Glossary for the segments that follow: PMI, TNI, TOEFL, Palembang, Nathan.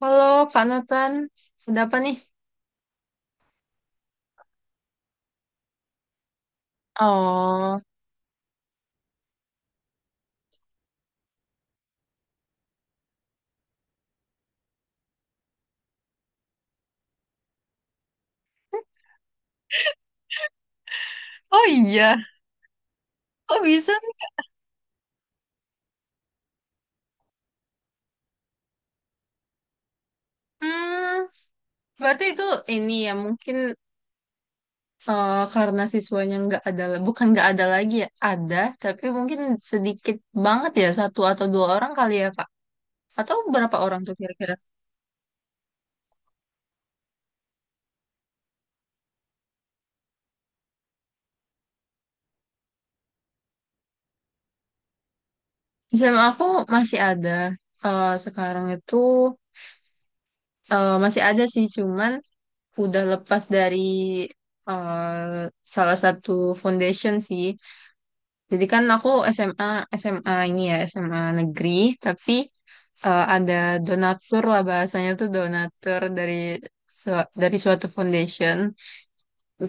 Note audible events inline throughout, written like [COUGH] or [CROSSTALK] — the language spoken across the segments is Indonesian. Halo, Kak Nathan. Ada apa nih? Oh, ya. Kok bisa sih? Hmm, berarti itu ini ya mungkin karena siswanya nggak ada, bukan nggak ada lagi ya, ada, tapi mungkin sedikit banget ya, satu atau dua orang kali ya, Kak. Atau berapa orang tuh kira-kira? Misalnya aku masih ada sekarang itu masih ada sih, cuman udah lepas dari eh, salah satu foundation sih. Jadi kan aku SMA SMA ini ya SMA negeri, tapi ada donatur lah bahasanya tuh donatur dari dari suatu foundation.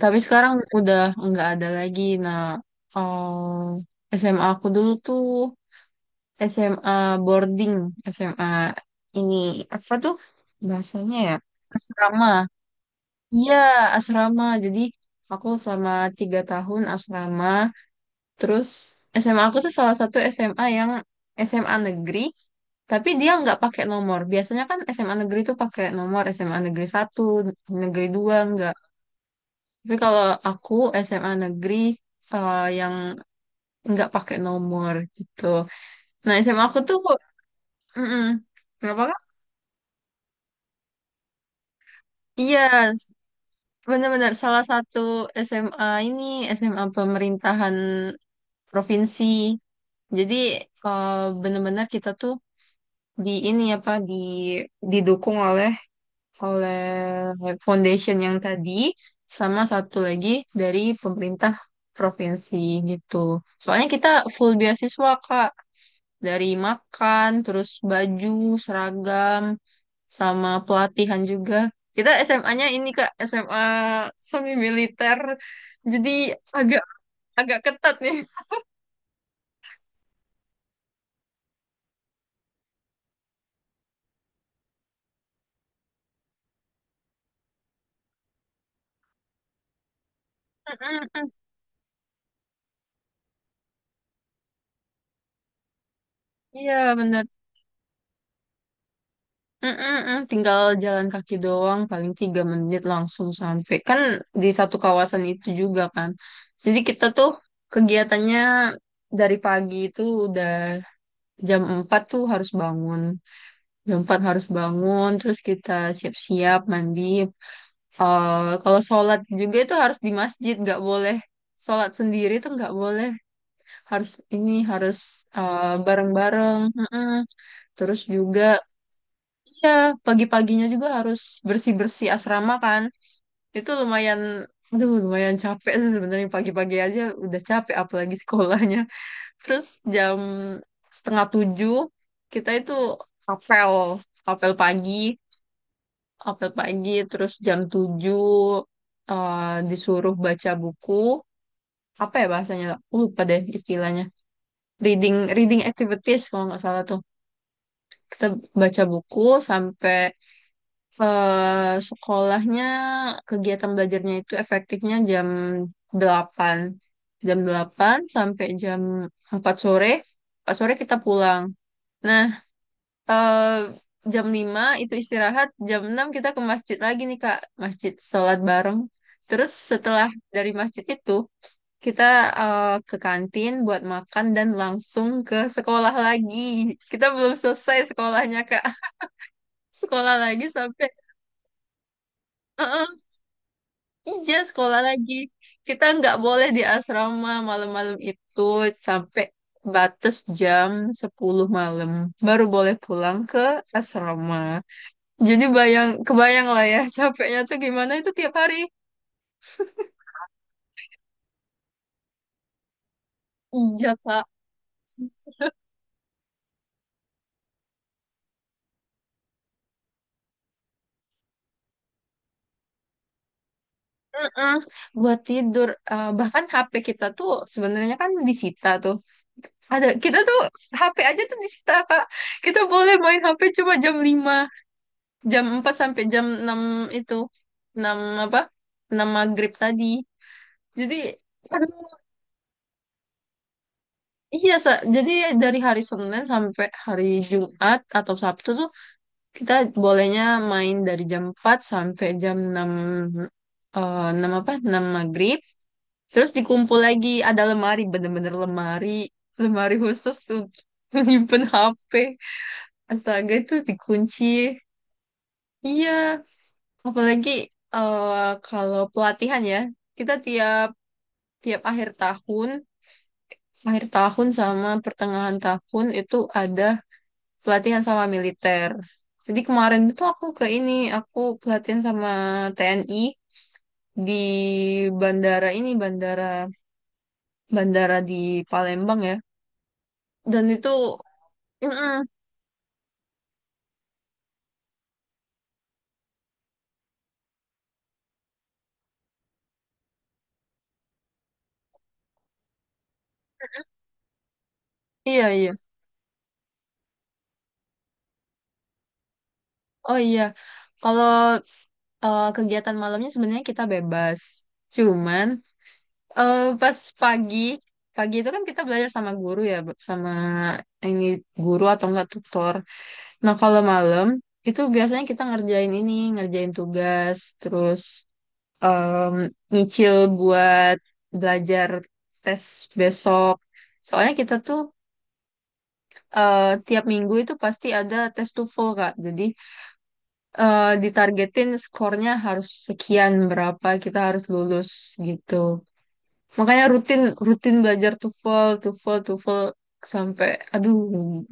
Tapi sekarang udah nggak ada lagi. Nah, SMA aku dulu tuh SMA boarding, SMA ini apa tuh bahasanya ya? Asrama. Iya, asrama. Jadi aku selama 3 tahun asrama. Terus SMA aku tuh salah satu SMA yang SMA negeri, tapi dia nggak pakai nomor. Biasanya kan SMA negeri tuh pakai nomor, SMA negeri satu, negeri dua, nggak. Tapi kalau aku SMA negeri yang nggak pakai nomor gitu. Nah, SMA aku tuh. Mm. Kenapa, Kak? Iya, s- benar-benar salah satu SMA ini SMA pemerintahan provinsi. Jadi eh, benar-benar kita tuh di ini apa di didukung oleh oleh foundation yang tadi sama satu lagi dari pemerintah provinsi gitu. Soalnya kita full beasiswa, Kak, dari makan, terus baju, seragam, sama pelatihan juga. Kita SMA-nya ini Kak SMA semi militer, jadi agak agak ketat nih. [LAUGHS] Iya, benar. Mm-mm-mm, tinggal jalan kaki doang, paling 3 menit langsung sampai. Kan di satu kawasan itu juga kan. Jadi kita tuh kegiatannya dari pagi itu udah jam 4 tuh harus bangun. Jam 4 harus bangun, terus kita siap-siap mandi. Kalau sholat juga itu harus di masjid, nggak boleh sholat sendiri tuh nggak boleh. Harus ini, harus bareng-bareng. Mm-mm. Terus juga. Iya, pagi-paginya juga harus bersih-bersih asrama, kan. Itu lumayan, aduh lumayan capek sih sebenarnya, pagi-pagi aja udah capek, apalagi sekolahnya. Terus jam setengah tujuh kita itu apel, apel pagi, apel pagi. Terus jam tujuh eh, disuruh baca buku. Apa ya bahasanya? Aku lupa deh istilahnya. Reading, reading activities kalau nggak salah tuh. Kita baca buku sampai eh sekolahnya, kegiatan belajarnya itu efektifnya jam delapan. Jam 8 sampai jam 4 sore. Empat sore kita pulang. Nah, eh jam 5 itu istirahat, jam 6 kita ke masjid lagi nih Kak, masjid sholat bareng. Terus setelah dari masjid itu kita ke kantin buat makan dan langsung ke sekolah lagi. Kita belum selesai sekolahnya, Kak. [LAUGHS] Sekolah lagi sampai [LAUGHS] iya, sekolah lagi. Kita nggak boleh di asrama malam-malam itu sampai batas jam 10 malam. Baru boleh pulang ke asrama. Jadi kebayang lah ya [LAUGHS] capeknya tuh gimana itu tiap hari. Iya, Kak. Mm-mm. Buat tidur. Bahkan HP kita tuh sebenarnya kan disita tuh. Ada, kita tuh HP aja tuh disita, Kak. Kita boleh main HP cuma jam 5. Jam 4 sampai jam 6 itu. Enam apa? Enam maghrib tadi. Jadi, aduh, iya, Sa. Jadi dari hari Senin sampai hari Jumat atau Sabtu tuh kita bolehnya main dari jam 4 sampai jam 6 6 apa? Enam maghrib. Terus dikumpul lagi, ada lemari, bener-bener lemari, lemari khusus untuk [LAUGHS] menyimpan HP. Astaga itu dikunci. Iya, apalagi kalau pelatihan ya, kita tiap tiap akhir tahun sama pertengahan tahun itu ada pelatihan sama militer. Jadi kemarin itu aku ke ini, aku pelatihan sama TNI di bandara ini, bandara bandara di Palembang ya. Dan itu, mm-mm, iya iya, oh iya. Kalau kegiatan malamnya sebenarnya kita bebas, cuman. Pas pagi, pagi itu kan kita belajar sama guru ya, Bu, sama ini guru atau enggak tutor. Nah, kalau malam itu biasanya kita ngerjain ini, ngerjain tugas, terus em, nyicil buat belajar tes besok. Soalnya kita tuh tiap minggu itu pasti ada tes TOEFL, Kak. Jadi ditargetin skornya harus sekian, berapa kita harus lulus gitu. Makanya rutin rutin belajar TOEFL, TOEFL, TOEFL sampai aduh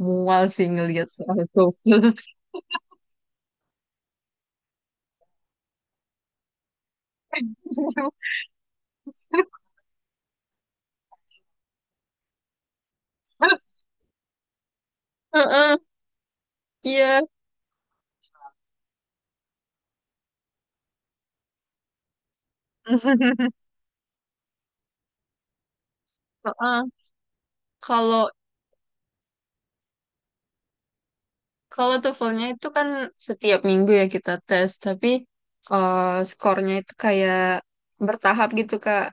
mual sih ngelihat soal TOEFL. [LAUGHS] Heeh, iya. [LAUGHS] Heeh. Kalau Kalau TOEFL-nya itu kan setiap minggu ya kita tes, tapi eh, skornya itu kayak bertahap gitu, Kak.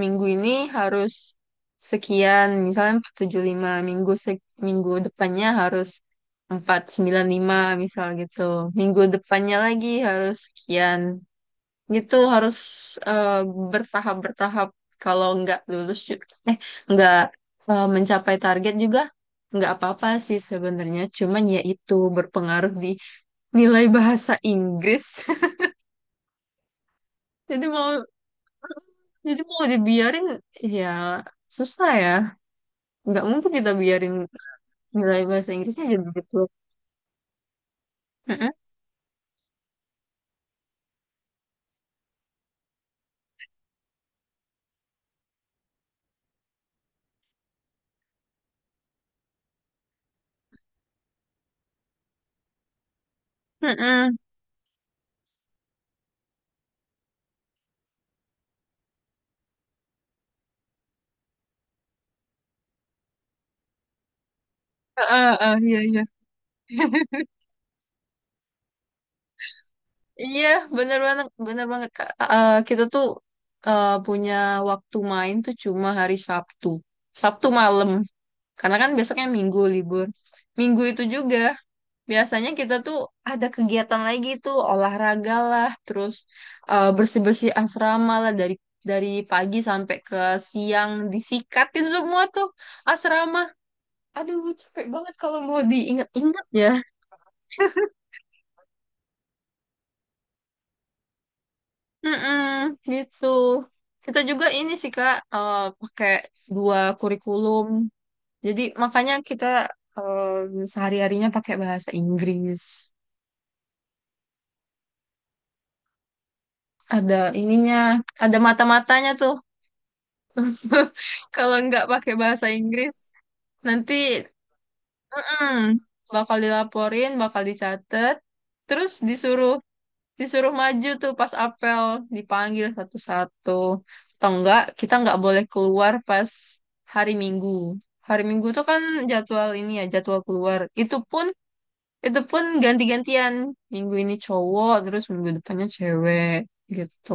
Minggu ini harus sekian, misalnya 475, minggu depannya harus 495 misal gitu. Minggu depannya lagi harus sekian gitu harus eh, bertahap-bertahap kalau nggak lulus eh nggak mencapai target juga nggak apa-apa sih sebenarnya, cuman ya itu berpengaruh di nilai bahasa Inggris. [LAUGHS] jadi mau jadi mau dibiarin ya susah ya, nggak mungkin kita biarin nilai bahasa Inggrisnya jadi gitu. Mm-mm. Mm-mm. Ah, ah, ah, iya, iya. [LAUGHS] Iya, bener banget Kak. Kita tuh punya waktu main tuh cuma hari Sabtu, Sabtu malam. Karena kan besoknya Minggu libur. Minggu itu juga biasanya kita tuh ada kegiatan lagi tuh olahraga lah, terus bersih-bersih asrama lah dari pagi sampai ke siang disikatin semua tuh asrama. Aduh, capek banget kalau mau diingat-ingat ya. Mm-mm, gitu. Kita juga ini sih Kak pakai dua kurikulum. Jadi makanya kita sehari-harinya pakai bahasa Inggris. Ada ininya, ada mata-matanya tuh. [LAUGHS] Kalau nggak pakai bahasa Inggris, nanti bakal dilaporin, bakal dicatat, terus disuruh disuruh maju tuh pas apel, dipanggil satu-satu, atau enggak kita nggak boleh keluar pas hari Minggu, tuh kan jadwal ini ya jadwal keluar itu pun ganti-gantian, minggu ini cowok terus minggu depannya cewek gitu.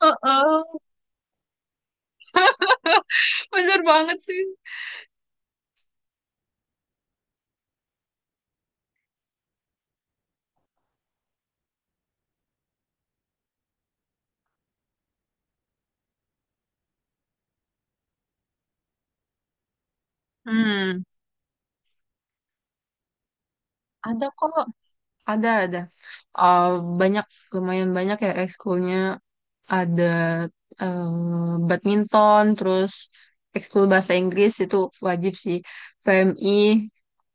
Heeh. Bener banget sih. hmm ada kok. Ada, ada. Eh, banyak, lumayan banyak ya ekskulnya. Ada eh, badminton, terus ekskul bahasa Inggris itu wajib sih. PMI,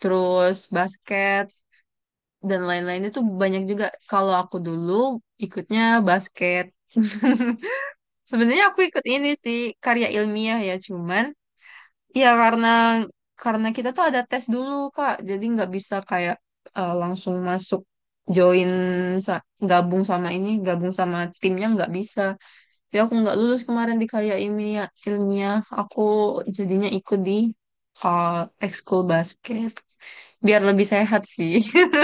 terus basket, dan lain-lain itu banyak juga. Kalau aku dulu ikutnya basket. [LAUGHS] Sebenarnya aku ikut ini sih, karya ilmiah ya. Cuman iya, karena kita tuh ada tes dulu Kak, jadi nggak bisa kayak langsung masuk join sa- gabung sama ini, gabung sama timnya nggak bisa. Jadi aku nggak lulus kemarin di karya ilmiah. Aku jadinya ikut di eh, ekskul basket biar lebih sehat sih. [LAUGHS]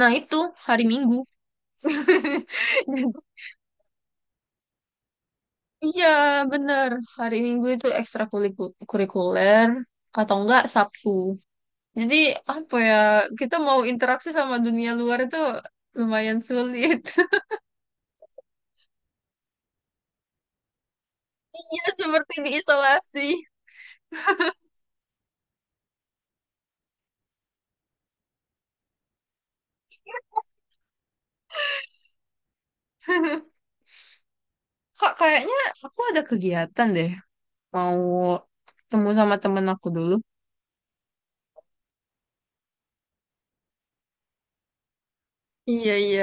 Nah itu hari Minggu. [LAUGHS] Iya bener, hari Minggu itu ekstrakurikuler atau enggak Sabtu. Jadi apa ya, kita mau interaksi sama dunia luar itu lumayan sulit. [LAUGHS] Ya seperti diisolasi. [LAUGHS] Kak, kayaknya aku ada kegiatan deh. Mau ketemu sama temen aku dulu. Iya, iya.